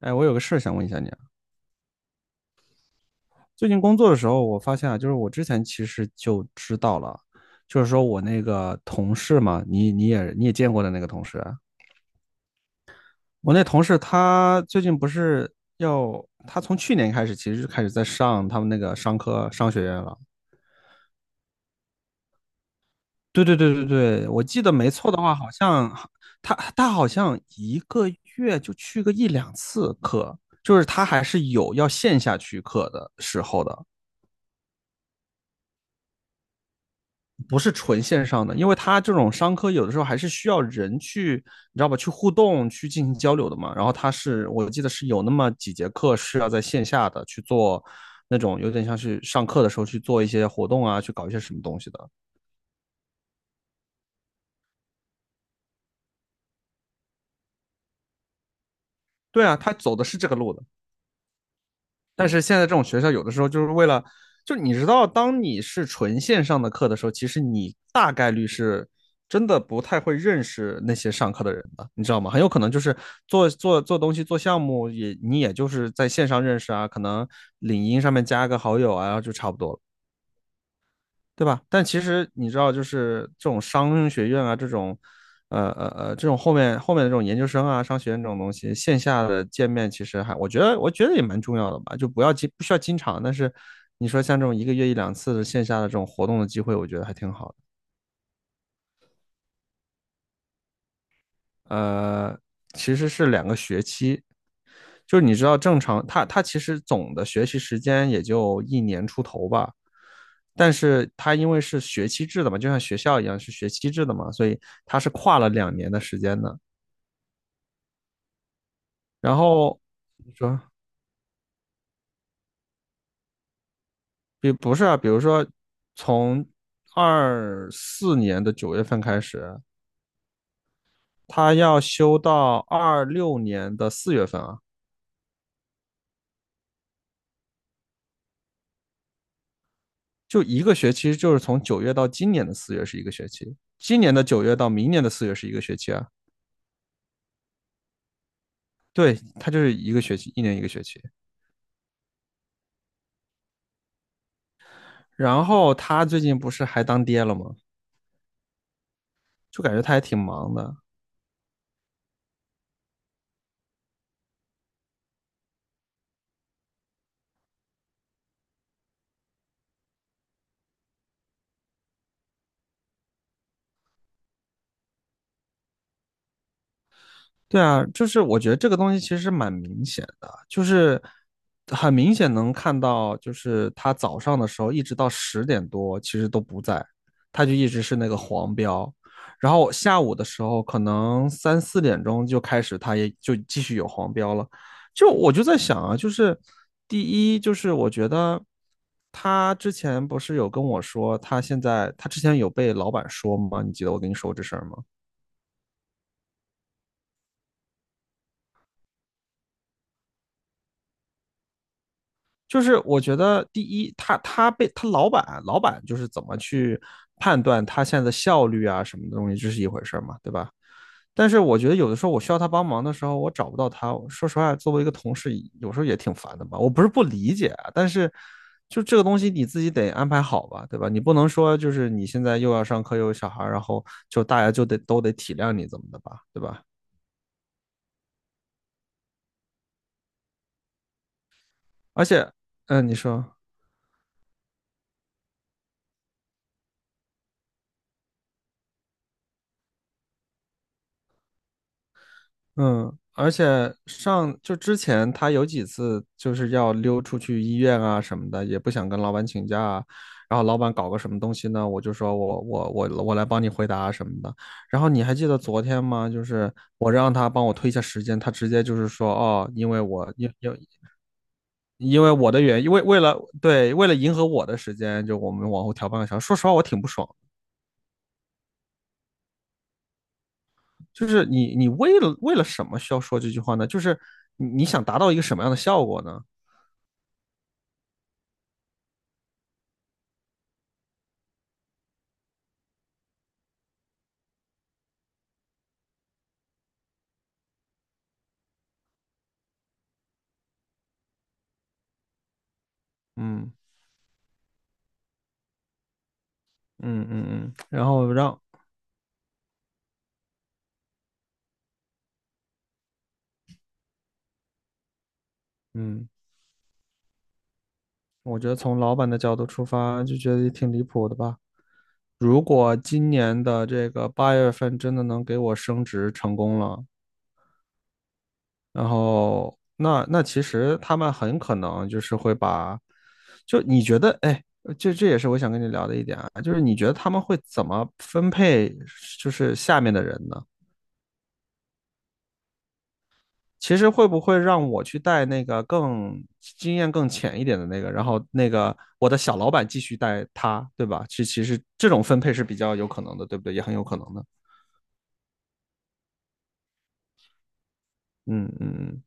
哎，我有个事儿想问一下你啊。最近工作的时候，我发现啊，就是我之前其实就知道了，就是说我那个同事嘛，你也见过的那个同事啊。我那同事他最近不是要，他从去年开始其实就开始在上他们那个商学院了。对对对对对，我记得没错的话，好像他好像一个月就去个一两次课，就是他还是有要线下去课的时候的。不是纯线上的，因为它这种商科有的时候还是需要人去，你知道吧，去互动、去进行交流的嘛。然后它是我记得是有那么几节课是要在线下的去做那种有点像是上课的时候去做一些活动啊，去搞一些什么东西的。对啊，他走的是这个路的。但是现在这种学校有的时候就是为了，就你知道，当你是纯线上的课的时候，其实你大概率是真的不太会认识那些上课的人的，你知道吗？很有可能就是做东西、做项目也，你也就是在线上认识啊，可能领英上面加个好友啊，就差不多了。对吧？但其实你知道，就是这种商学院啊，这种，这种后面的这种研究生啊，商学院这种东西，线下的见面其实还，我觉得也蛮重要的吧，就不要经不需要经常，但是你说像这种一个月一两次的线下的这种活动的机会，我觉得还挺好的。呃，其实是2个学期，就是你知道正常，他其实总的学习时间也就一年出头吧，但是他因为是学期制的嘛，就像学校一样是学期制的嘛，所以他是跨了2年的时间的。然后你说，比不是啊，比如说从24年的9月份开始，他要修到26年的4月份啊。就一个学期，就是从九月到今年的四月是一个学期，今年的九月到明年的四月是一个学期啊。对，他就是一个学期，一年一个学期。然后他最近不是还当爹了吗？就感觉他还挺忙的。对啊，就是我觉得这个东西其实蛮明显的，就是很明显能看到，就是他早上的时候一直到10点多其实都不在，他就一直是那个黄标，然后下午的时候可能3、4点钟就开始，他也就继续有黄标了。就我就在想啊，就是第一就是我觉得他之前不是有跟我说，他现在他之前有被老板说吗？你记得我跟你说过这事儿吗？就是我觉得第一，他被他老板就是怎么去判断他现在的效率啊什么的东西，这是一回事嘛，对吧？但是我觉得有的时候我需要他帮忙的时候，我找不到他。说实话，作为一个同事，有时候也挺烦的吧。我不是不理解啊，但是就这个东西你自己得安排好吧，对吧？你不能说就是你现在又要上课又有小孩然后就大家就得都得体谅你怎么的吧，对吧？而且，嗯，你说，嗯，而且上就之前他有几次就是要溜出去医院啊什么的，也不想跟老板请假啊。然后老板搞个什么东西呢，我就说我来帮你回答什么的。然后你还记得昨天吗？就是我让他帮我推一下时间，他直接就是说哦，因为我的原因，为了迎合我的时间，就我们往后调半个小时。说实话，我挺不爽的。就是你为了什么需要说这句话呢？就是你想达到一个什么样的效果呢？嗯。嗯嗯嗯，然后让，嗯，我觉得从老板的角度出发，就觉得也挺离谱的吧。如果今年的这个8月份真的能给我升职成功了，然后那其实他们很可能就是会把，就你觉得，哎，这也是我想跟你聊的一点啊，就是你觉得他们会怎么分配，就是下面的人呢？其实会不会让我去带那个更经验更浅一点的那个，然后那个我的小老板继续带他，对吧？其实这种分配是比较有可能的，对不对？也很有可能的。嗯嗯嗯，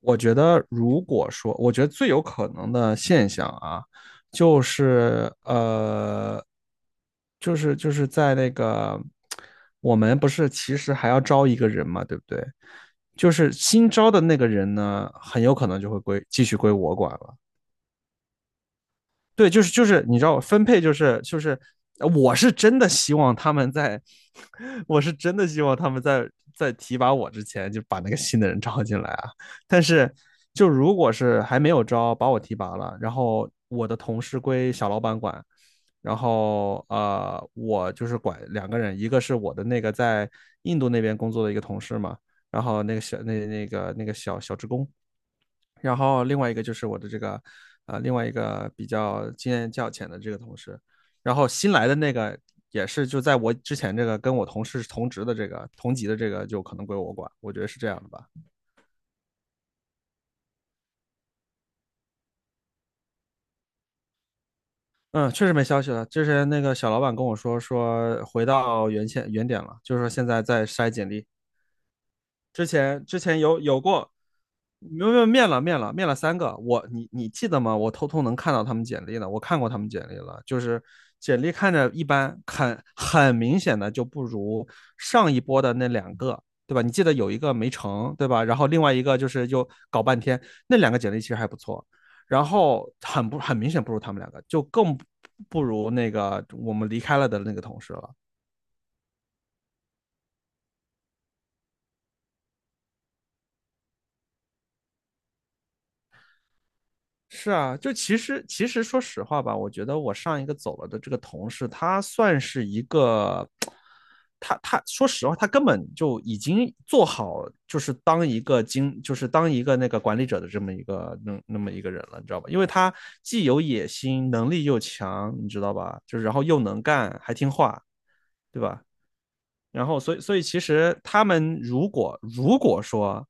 我觉得如果说，我觉得最有可能的现象啊，就是就是在那个我们不是其实还要招一个人嘛，对不对？就是新招的那个人呢，很有可能就会归继续归我管了。对，就是，你知道分配就是，我是真的希望他们在，我是真的希望他们在在提拔我之前就把那个新的人招进来啊。但是就如果是还没有招，把我提拔了，然后我的同事归小老板管，然后我就是管两个人，一个是我的那个在印度那边工作的一个同事嘛，然后那个小那那个那个小小职工，然后另外一个就是我的这个，另外一个比较经验较浅的这个同事，然后新来的那个也是就在我之前这个跟我同事同职的这个同级的这个就可能归我管，我觉得是这样的吧。嗯，确实没消息了。之前那个小老板跟我说回到原点了，就是说现在在筛简历，之前有过，没有。没有面了面了面了3个。你记得吗？我偷偷能看到他们简历的，我看过他们简历了，就是简历看着一般，很明显的就不如上一波的那两个，对吧？你记得有一个没成，对吧？然后另外一个就是又搞半天，那两个简历其实还不错，然后很明显不如他们两个，就更不如那个我们离开了的那个同事了。是啊，就其实其实说实话吧，我觉得我上一个走了的这个同事，他算是一个，他说实话，他根本就已经做好，就是当一个经，就是当一个那个管理者的这么一个那么一个人了，你知道吧？因为他既有野心，能力又强，你知道吧？就是然后又能干，还听话，对吧？然后，所以，所以其实他们如果说，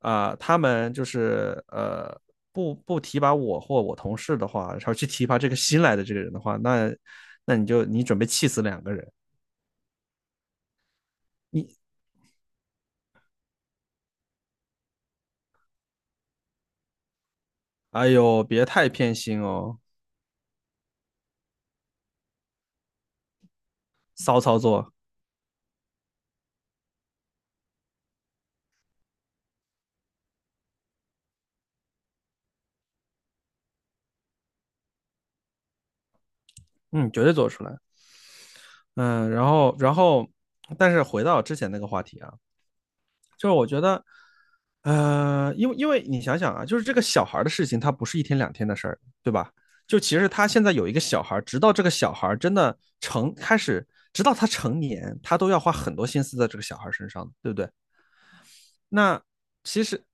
他们就是不提拔我或我同事的话，然后去提拔这个新来的这个人的话，那那你就你准备气死2个人。你哎呦，别太偏心哦，骚操作，嗯，绝对做出来。嗯，然后，但是回到之前那个话题啊，就是我觉得，因为你想想啊，就是这个小孩的事情，他不是一天两天的事儿，对吧？就其实他现在有一个小孩直到这个小孩真的成开始，直到他成年，他都要花很多心思在这个小孩身上，对不对？那其实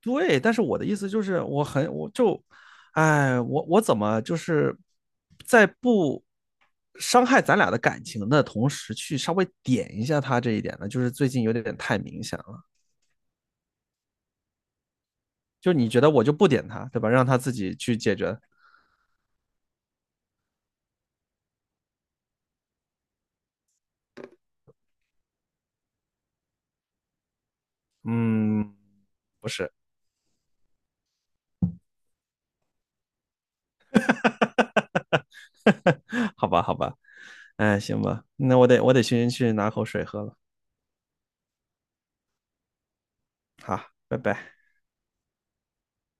对，但是我的意思就是，我很我就，哎，我怎么就是在不伤害咱俩的感情的同时，去稍微点一下他这一点呢？就是最近有点太明显了。就你觉得我就不点他，对吧？让他自己去解决。嗯，不是，好吧，好吧，哎，行吧，那我得先去拿口水喝了。好，拜拜。